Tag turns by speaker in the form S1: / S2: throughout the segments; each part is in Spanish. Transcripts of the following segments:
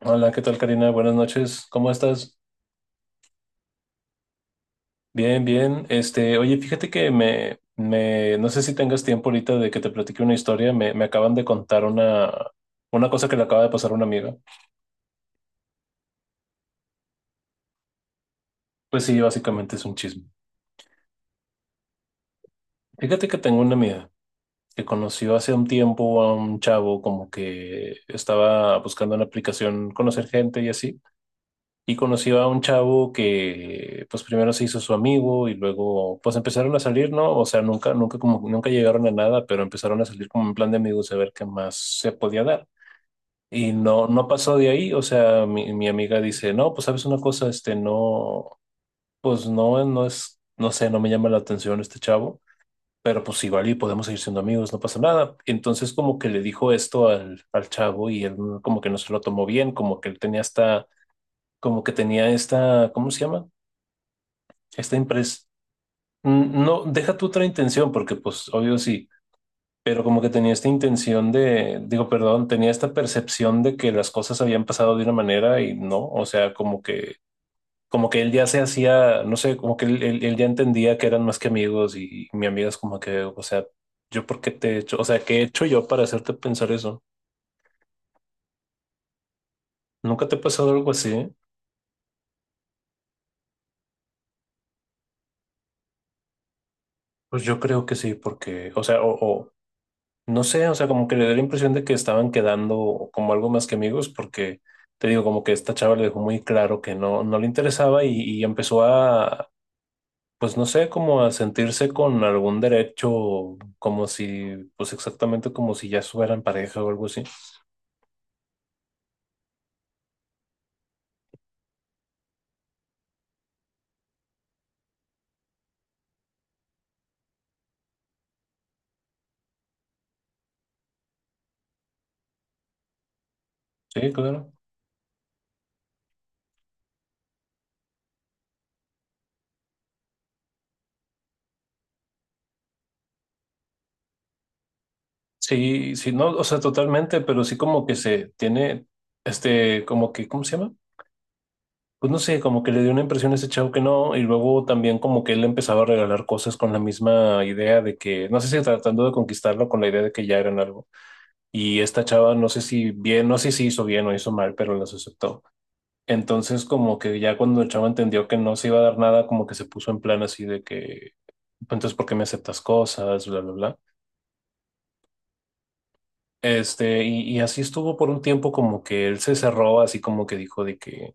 S1: Hola, ¿qué tal, Karina? Buenas noches. ¿Cómo estás? Bien, bien. Oye, fíjate que no sé si tengas tiempo ahorita de que te platique una historia. Me acaban de contar una cosa que le acaba de pasar a una amiga. Pues sí, básicamente es un chisme. Fíjate que tengo una amiga que conoció hace un tiempo a un chavo como que estaba buscando una aplicación, conocer gente y así. Y conoció a un chavo que pues primero se hizo su amigo y luego pues empezaron a salir, ¿no? O sea, nunca como nunca llegaron a nada, pero empezaron a salir como en plan de amigos a ver qué más se podía dar. Y no, no pasó de ahí, o sea, mi amiga dice, no, pues sabes una cosa, no, pues no, no es, no sé, no me llama la atención este chavo, pero pues igual y podemos seguir siendo amigos, no pasa nada. Entonces como que le dijo esto al chavo y él como que no se lo tomó bien, como que él tenía esta, como que tenía esta, ¿cómo se llama? Esta empresa no, deja tu otra intención, porque pues obvio sí, pero como que tenía esta intención de, digo, perdón, tenía esta percepción de que las cosas habían pasado de una manera y no, o sea, como que él ya se hacía, no sé, como que él ya entendía que eran más que amigos y, mi amiga es como que, o sea, yo por qué te he hecho, o sea, ¿qué he hecho yo para hacerte pensar eso? ¿Nunca te ha pasado algo así? Pues yo creo que sí, porque, o sea, o no sé, o sea, como que le da la impresión de que estaban quedando como algo más que amigos, porque te digo, como que esta chava le dejó muy claro que no, no le interesaba y empezó a, pues no sé, como a sentirse con algún derecho, como si, pues exactamente como si ya fueran pareja o algo así. Sí, claro. Sí, sí, no, o sea, totalmente, pero sí como que se tiene, como que, ¿cómo se llama? Pues no sé, como que le dio una impresión a ese chavo que no, y luego también como que él le empezaba a regalar cosas con la misma idea de que, no sé si tratando de conquistarlo con la idea de que ya eran algo. Y esta chava, no sé si bien, no sé si hizo bien o hizo mal, pero las aceptó. Entonces como que ya cuando el chavo entendió que no se iba a dar nada, como que se puso en plan así de que, "Pues, entonces, ¿por qué me aceptas cosas? Bla, bla, bla." Y así estuvo por un tiempo como que él se cerró, así como que dijo de que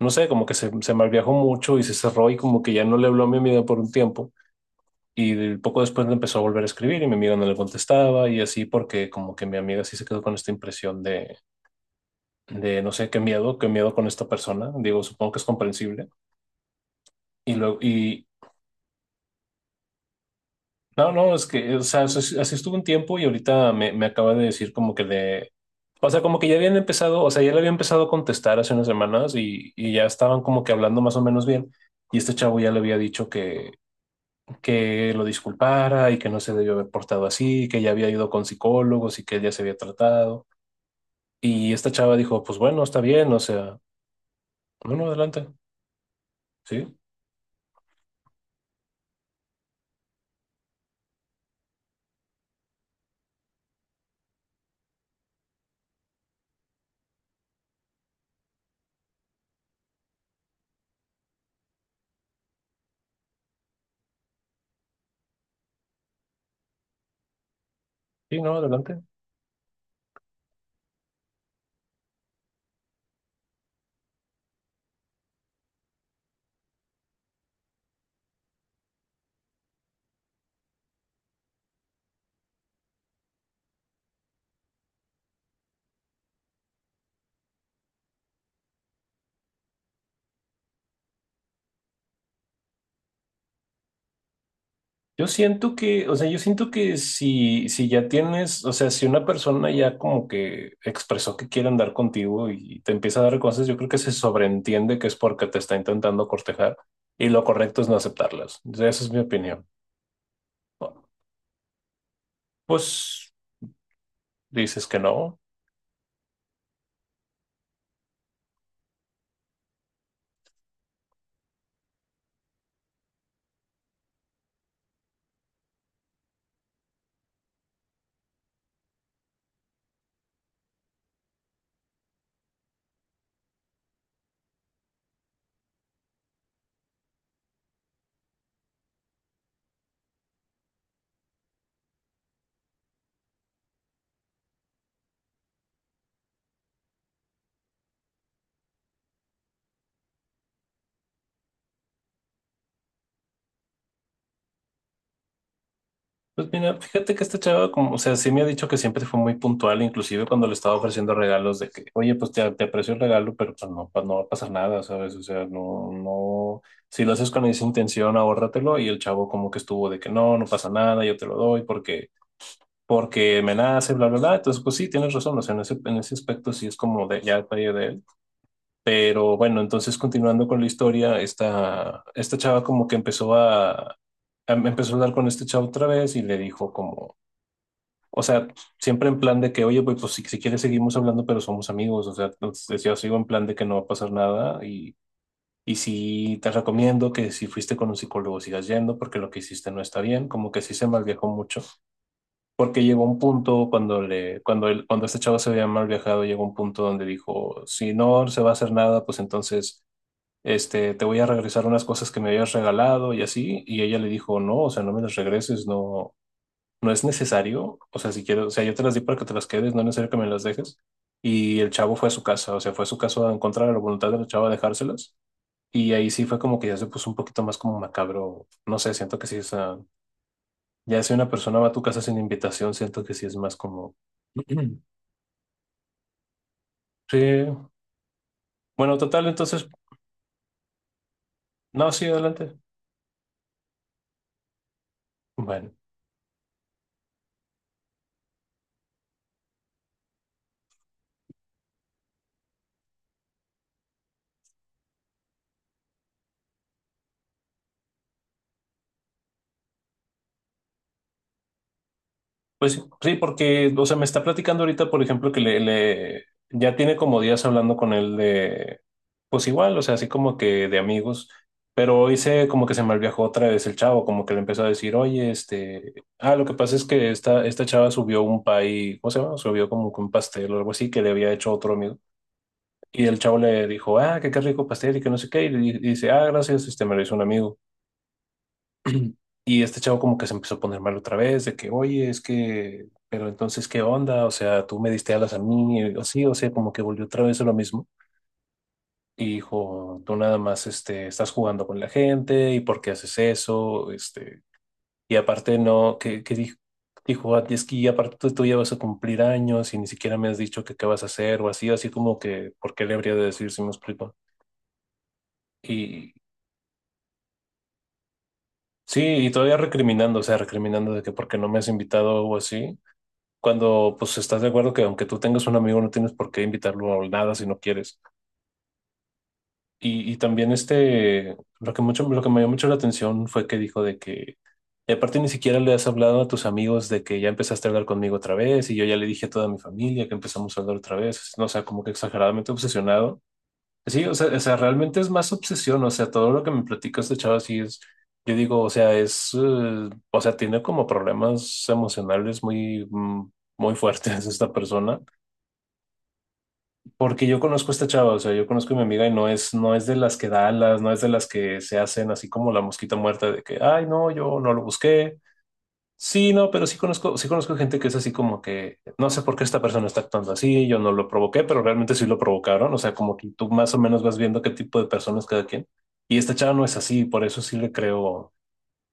S1: no sé, como que se malviajó mucho y se cerró y como que ya no le habló a mi amiga por un tiempo. Y poco después le empezó a volver a escribir y mi amiga no le contestaba y así porque como que mi amiga sí se quedó con esta impresión de no sé, qué miedo con esta persona. Digo, supongo que es comprensible. Y luego, y no, no, es que, o sea, así, así estuvo un tiempo y ahorita me acaba de decir como que le... O sea, como que ya habían empezado, o sea, ya le había empezado a contestar hace unas semanas y ya estaban como que hablando más o menos bien. Y este chavo ya le había dicho que lo disculpara y que no se debió haber portado así, que ya había ido con psicólogos y que ya se había tratado. Y esta chava dijo, pues bueno, está bien, o sea, no, no, adelante, sí, sí, no, adelante. Yo siento que, o sea, yo siento que si, si ya tienes, o sea, si una persona ya como que expresó que quiere andar contigo y te empieza a dar cosas, yo creo que se sobreentiende que es porque te está intentando cortejar y lo correcto es no aceptarlas. O sea, esa es mi opinión. Pues dices que no. Pues mira, fíjate que esta chava, como, o sea, sí me ha dicho que siempre fue muy puntual, inclusive cuando le estaba ofreciendo regalos de que, oye, pues te aprecio el regalo, pero pues no va a pasar nada, ¿sabes? O sea, no, no, si lo haces con esa intención, ahórratelo, y el chavo como que estuvo de que no, no pasa nada, yo te lo doy porque, porque me nace, bla, bla, bla. Entonces, pues sí, tienes razón, o sea, en ese aspecto sí es como de, ya fallo de él. Pero bueno, entonces continuando con la historia, esta chava como que empezó a, empezó a hablar con este chavo otra vez y le dijo como, o sea, siempre en plan de que, oye, pues, pues, si quieres seguimos hablando, pero somos amigos. O sea, entonces yo sigo en plan de que no va a pasar nada y sí te recomiendo que si fuiste con un psicólogo sigas yendo porque lo que hiciste no está bien. Como que sí se malviajó mucho porque llegó un punto cuando le, cuando él, cuando este chavo se había mal viajado, llegó un punto donde dijo, si no se va a hacer nada, pues entonces... te voy a regresar unas cosas que me habías regalado y así, y ella le dijo, no, o sea, no me las regreses, no, no es necesario, o sea, si quiero, o sea, yo te las di para que te las quedes, no es necesario que me las dejes. Y el chavo fue a su casa, o sea, fue a su casa en contra de la voluntad del chavo a dejárselas. Y ahí sí fue como que ya se puso un poquito más como macabro, no sé, siento que sí, o sea, ya si una persona va a tu casa sin invitación, siento que sí es más como... Sí, bueno, total, entonces, no, sí, adelante. Bueno. Pues sí, sí, porque, o sea, me está platicando ahorita, por ejemplo, que ya tiene como días hablando con él de, pues igual, o sea, así como que de amigos, pero hoy se como que se malviajó otra vez el chavo, como que le empezó a decir, oye, ah, lo que pasa es que esta chava subió un pay, ¿cómo se llama? Subió como que un pastel o algo así que le había hecho otro amigo. Y el chavo le dijo, ah, que qué rico pastel y que no sé qué, dice, ah, gracias, me lo hizo un amigo. Y este chavo como que se empezó a poner mal otra vez, de que, oye, es que, pero entonces, ¿qué onda? O sea, tú me diste alas a mí, o sí, o sea, como que volvió otra vez a lo mismo. Y dijo, tú nada más, estás jugando con la gente, ¿y por qué haces eso? Y aparte no, que dijo, dijo, "Ah, es que aparte tú ya vas a cumplir años y ni siquiera me has dicho que qué vas a hacer," o así, así como que, ¿por qué le habría de decir si me explico? Y sí, y todavía recriminando, o sea, recriminando de que por qué no me has invitado o así, cuando pues estás de acuerdo que aunque tú tengas un amigo no tienes por qué invitarlo a nada si no quieres. Y también lo que me llamó mucho la atención fue que dijo de que, y aparte ni siquiera le has hablado a tus amigos de que ya empezaste a hablar conmigo otra vez y yo ya le dije a toda mi familia que empezamos a hablar otra vez, no, o sea, como que exageradamente obsesionado. Sí, o sea, realmente es más obsesión, o sea, todo lo que me platicas este chavo sí es, yo digo, o sea, es, o sea, tiene como problemas emocionales muy, muy fuertes esta persona. Porque yo conozco a esta chava, o sea, yo conozco a mi amiga y no es, no es de las que da alas, no es de las que se hacen así como la mosquita muerta de que, ay, no, yo no lo busqué. Sí, no, pero sí conozco gente que es así como que, no sé por qué esta persona está actuando así, yo no lo provoqué, pero realmente sí lo provocaron, o sea, como que tú más o menos vas viendo qué tipo de personas cada quien. Y esta chava no es así, por eso sí le creo,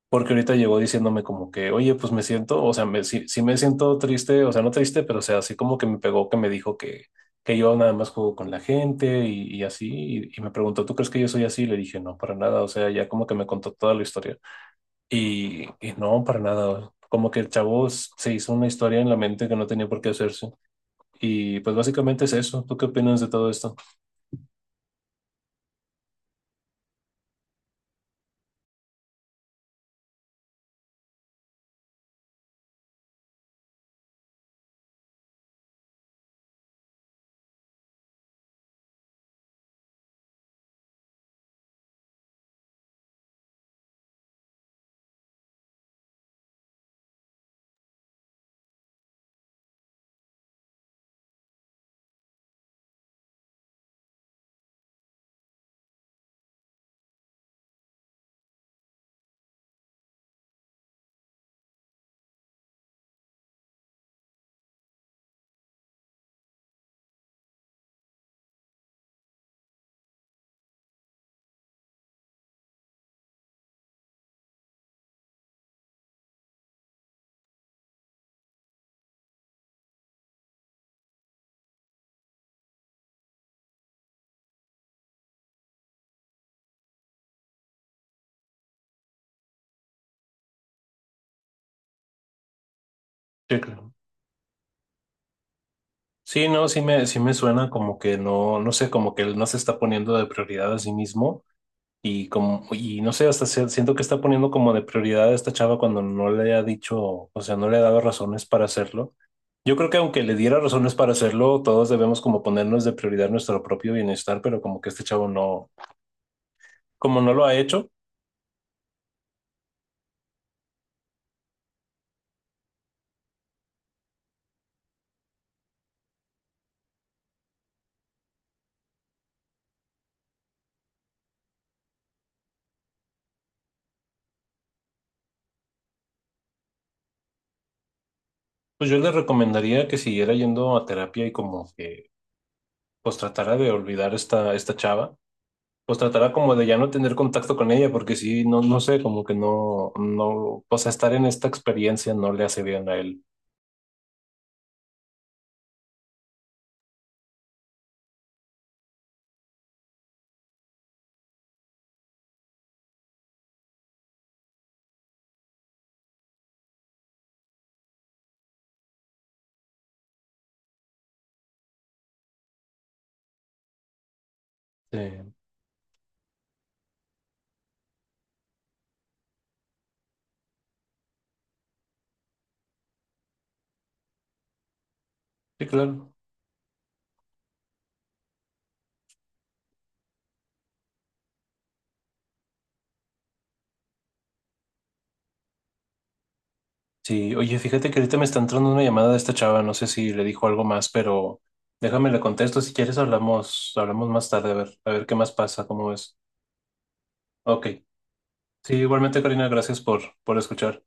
S1: porque ahorita llegó diciéndome como que, oye, pues me siento, o sea, sí, sí me siento triste, o sea, no triste, pero o sea, así como que me pegó, que me dijo que yo nada más juego con la gente y así, y me preguntó, ¿tú crees que yo soy así? Y le dije, no, para nada, o sea, ya como que me contó toda la historia. Y no, para nada, como que el chavo se hizo una historia en la mente que no tenía por qué hacerse. Y pues básicamente es eso, ¿tú qué opinas de todo esto? Sí, claro. Sí, no, sí me suena como que no, no sé, como que él no se está poniendo de prioridad a sí mismo. Y no sé, hasta siento que está poniendo como de prioridad a esta chava cuando no le ha dicho, o sea, no le ha dado razones para hacerlo. Yo creo que aunque le diera razones para hacerlo, todos debemos como ponernos de prioridad nuestro propio bienestar, pero como que este chavo no, como no lo ha hecho, pues yo le recomendaría que siguiera yendo a terapia y como que pues tratara de olvidar esta chava, pues tratara como de ya no tener contacto con ella, porque sí, no, no sé, como que no, no, o sea, estar en esta experiencia no le hace bien a él. Sí, sí, claro. Sí, oye, fíjate que ahorita me está entrando una llamada de esta chava, no sé si le dijo algo más, pero déjame le contesto, si quieres hablamos, hablamos más tarde, a ver qué más pasa, cómo es. Ok, sí, igualmente Karina, gracias por escuchar.